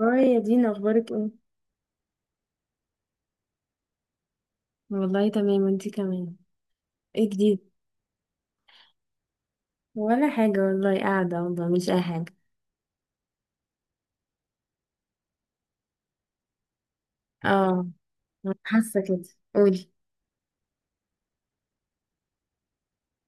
هاي يا دينا، اخبارك ايه؟ والله تمام، وانتي كمان. ايه جديد؟ ولا حاجه والله، قاعده والله، مش اي حاجه. اه، حاسه كده. قولي.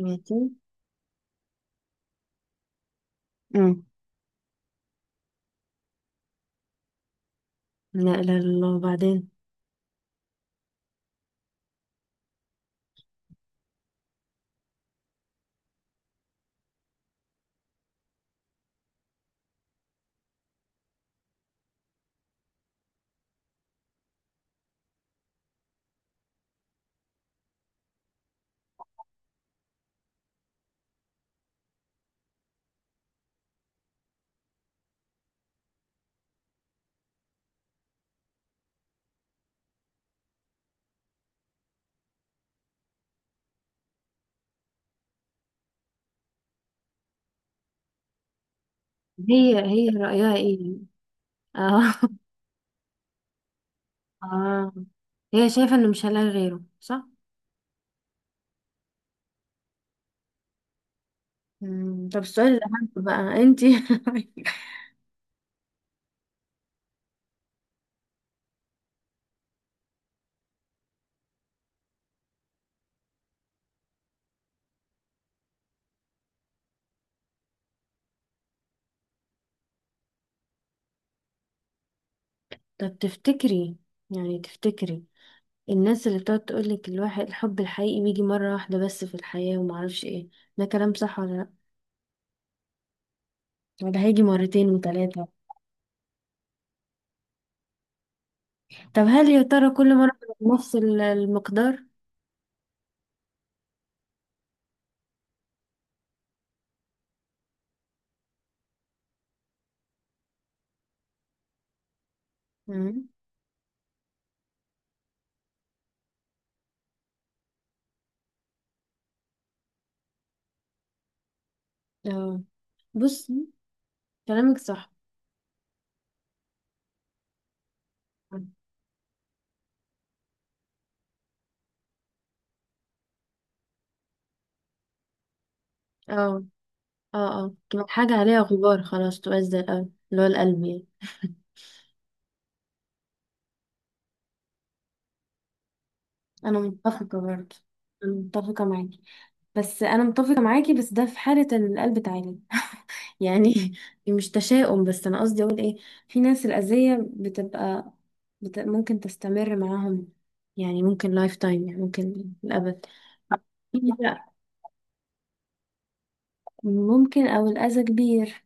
ماشي. امم لا لا لا، وبعدين. هي رأيها ايه؟ اه. اه، هي شايفة انه مش هلاقي غيره، صح؟ طب السؤال الاهم بقى. انتي؟ طب تفتكري الناس اللي بتقعد تقولك الواحد الحب الحقيقي بيجي مرة واحدة بس في الحياة ومعرفش ايه، ده كلام صح ولا لأ؟ وده هيجي مرتين وتلاتة. طب هل يا ترى كل مرة بيبقى نفس المقدار؟ مم. اه، بصي، كلامك صح. اه، اه، اه، تبقى حاجة عليها غبار، خلاص، تبقى زي القلب اللي هو القلب يعني. أنا متفقة برضه. أنا متفقة معاكي. بس أنا متفقة معاكي، بس ده في حالة إن القلب اتعالج. يعني مش تشاؤم، بس أنا قصدي أقول إيه؟ في ناس الأذية بتبقى ممكن تستمر معاهم، يعني ممكن لايف تايم، يعني ممكن للأبد. لا، ممكن، او الاذى كبير.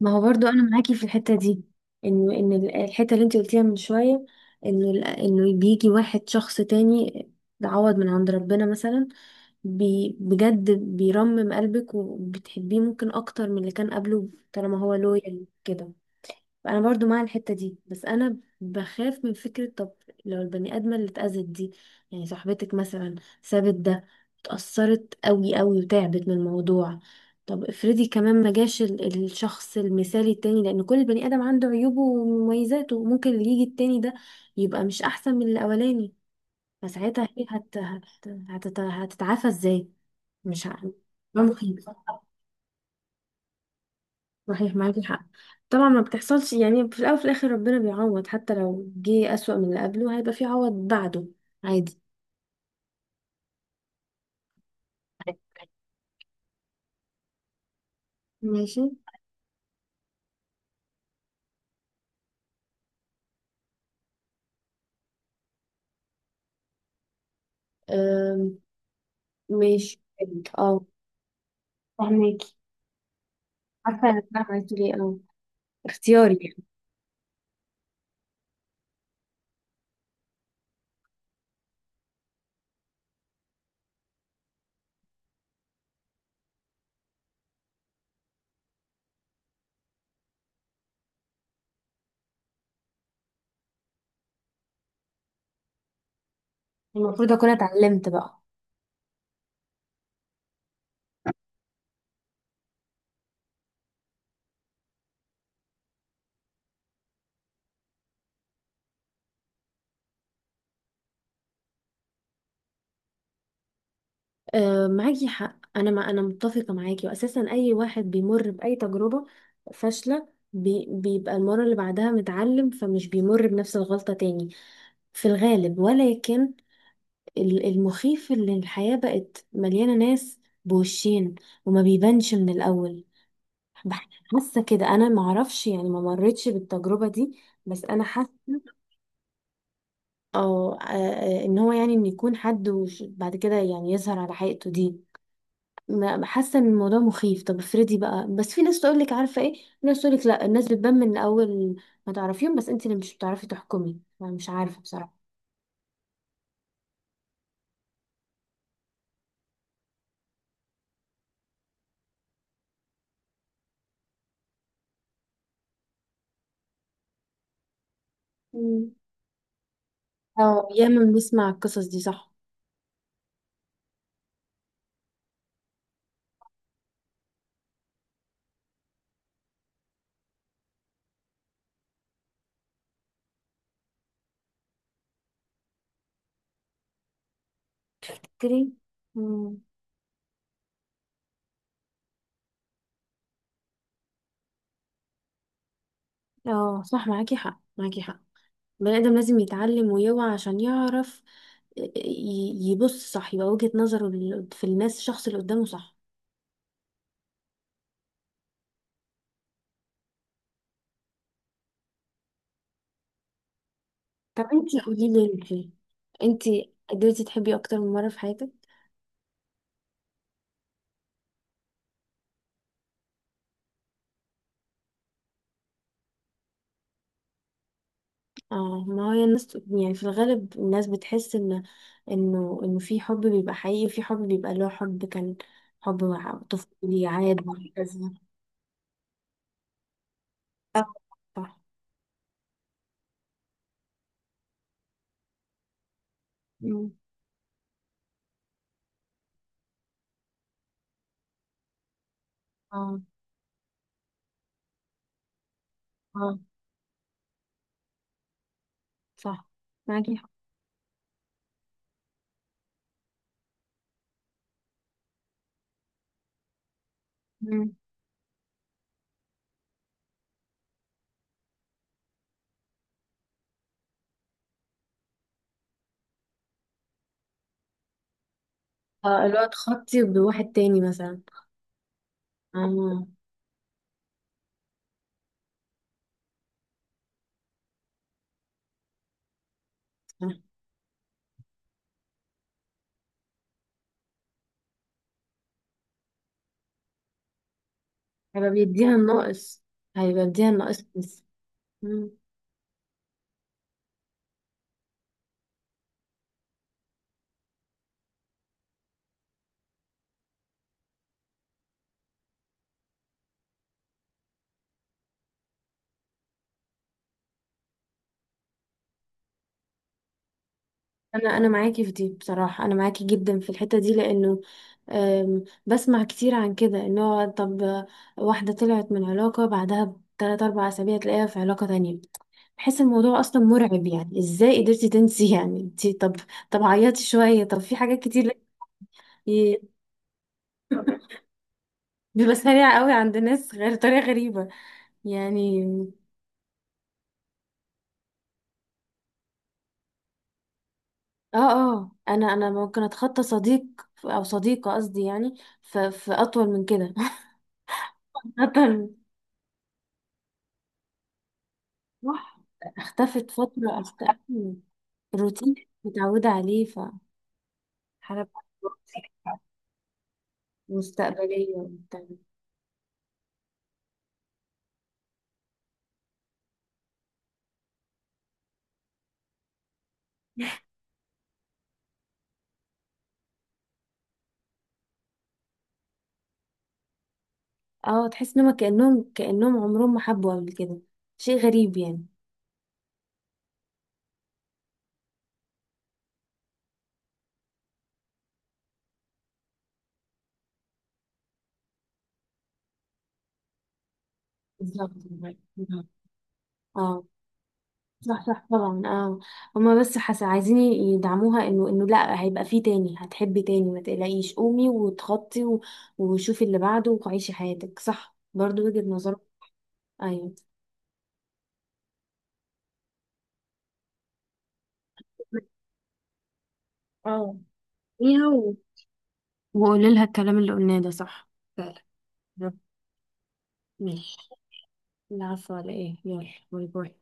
ما هو برضو انا معاكي في الحته دي، انه ان الحته اللي انت قلتيها من شويه، انه انه بيجي واحد شخص تاني، تعوض من عند ربنا مثلا، بي بجد بيرمم قلبك وبتحبيه ممكن اكتر من اللي كان قبله طالما هو لويال كده. انا برضو مع الحتة دي، بس انا بخاف من فكرة: طب لو البني ادمة اللي اتأذت دي، يعني صاحبتك مثلا، سابت ده، اتأثرت قوي قوي وتعبت من الموضوع، طب افرضي كمان ما جاش الشخص المثالي التاني، لان كل بني ادم عنده عيوبه ومميزاته، ممكن اللي يجي التاني ده يبقى مش احسن من الاولاني، فساعتها هي هتتعافى ازاي؟ مش عارفة. مخيف. صحيح، معاكي حق. طبعا ما بتحصلش يعني، في الاول وفي الاخر ربنا بيعوض، حتى لو جه اسوأ من اللي قبله هيبقى في عوض بعده. عادي. ماشي. أم... ماشي. اه، فهماكي. عارفه انا بقى عملت ليه، اختياري يعني. المفروض اكون اتعلمت بقى. أه، معاكي حق. انا، ما انا متفقه معاكي، واساسا اي واحد بيمر باي تجربه فاشله بيبقى المره اللي بعدها متعلم، فمش بيمر بنفس الغلطه تاني، في الغالب، ولكن المخيف اللي الحياة بقت مليانة ناس بوشين وما بيبانش من الأول. بح- حاسة كده أنا، معرفش يعني، ما مرتش بالتجربة دي، بس أنا حاسة. أو إن هو يعني إن يكون حد بعد كده يعني يظهر على حقيقته دي. حاسة إن الموضوع مخيف. طب افرضي بقى، بس في ناس تقولك عارفة إيه، في ناس تقولك لأ، الناس بتبان من الأول، ما تعرفيهم، بس أنت اللي مش بتعرفي تحكمي، أنا مش عارفة بصراحة. مم. اه، ياما بنسمع القصص دي، صح. تفتكري. مم. اه، صح، معاكي حق، معاكي حق. البني آدم لازم يتعلم ويوعى عشان يعرف، يبص صح، يبقى وجهة نظره في الناس، الشخص اللي قدامه صح. طب انتي قولي لي، انتي قدرتي تحبي اكتر من مرة في حياتك؟ اه، ما هي الناس يعني في الغالب الناس بتحس ان انه في حب بيبقى حقيقي وفي حب بيبقى اللي هو حب كان، حب طفولي عاد، وهكذا. آه. صح. مم. اه. اه، صح، معاكي حق. اه، اللي هو تخطي بواحد تاني مثلا. اه صح. هيبقى بيديها الناقص، هيبقى بيديها الناقص بس. مم. انا معاكي في دي بصراحه، انا معاكي جدا في الحته دي لانه بسمع كتير عن كده، ان هو، طب واحده طلعت من علاقه بعدها بتلات اربع اسابيع تلاقيها في علاقه تانية. بحس الموضوع اصلا مرعب، يعني ازاي قدرتي تنسي؟ يعني انتي، طب، طب عيطي شويه، طب في حاجات كتير، ي- بيبقى سريع قوي عند ناس، غير طريقه غريبه يعني. اه، اه، انا ممكن اتخطى صديق او صديقة قصدي يعني، في اطول من كده. اطول. صح. اختفت فترة، اختفت. روتين متعودة عليه، فحارب. مستقبلية وبتاع. اه، تحس انهم كأنهم عمرهم ما حبوا قبل كده، شيء غريب يعني. بالظبط. بالظبط. اه، صح، صح، طبعا، اه. هما بس حس عايزين يدعموها، انه لا، هيبقى فيه تاني، هتحبي تاني، ما تقلقيش، قومي وتخطي وشوفي اللي بعده، وعيشي حياتك، صح، برضو وجهة نظر. ايوه. اه. ايه هو. وقولي لها الكلام اللي قلناه ده، صح فعلا. ماشي. العفو على ايه، يلا، باي باي.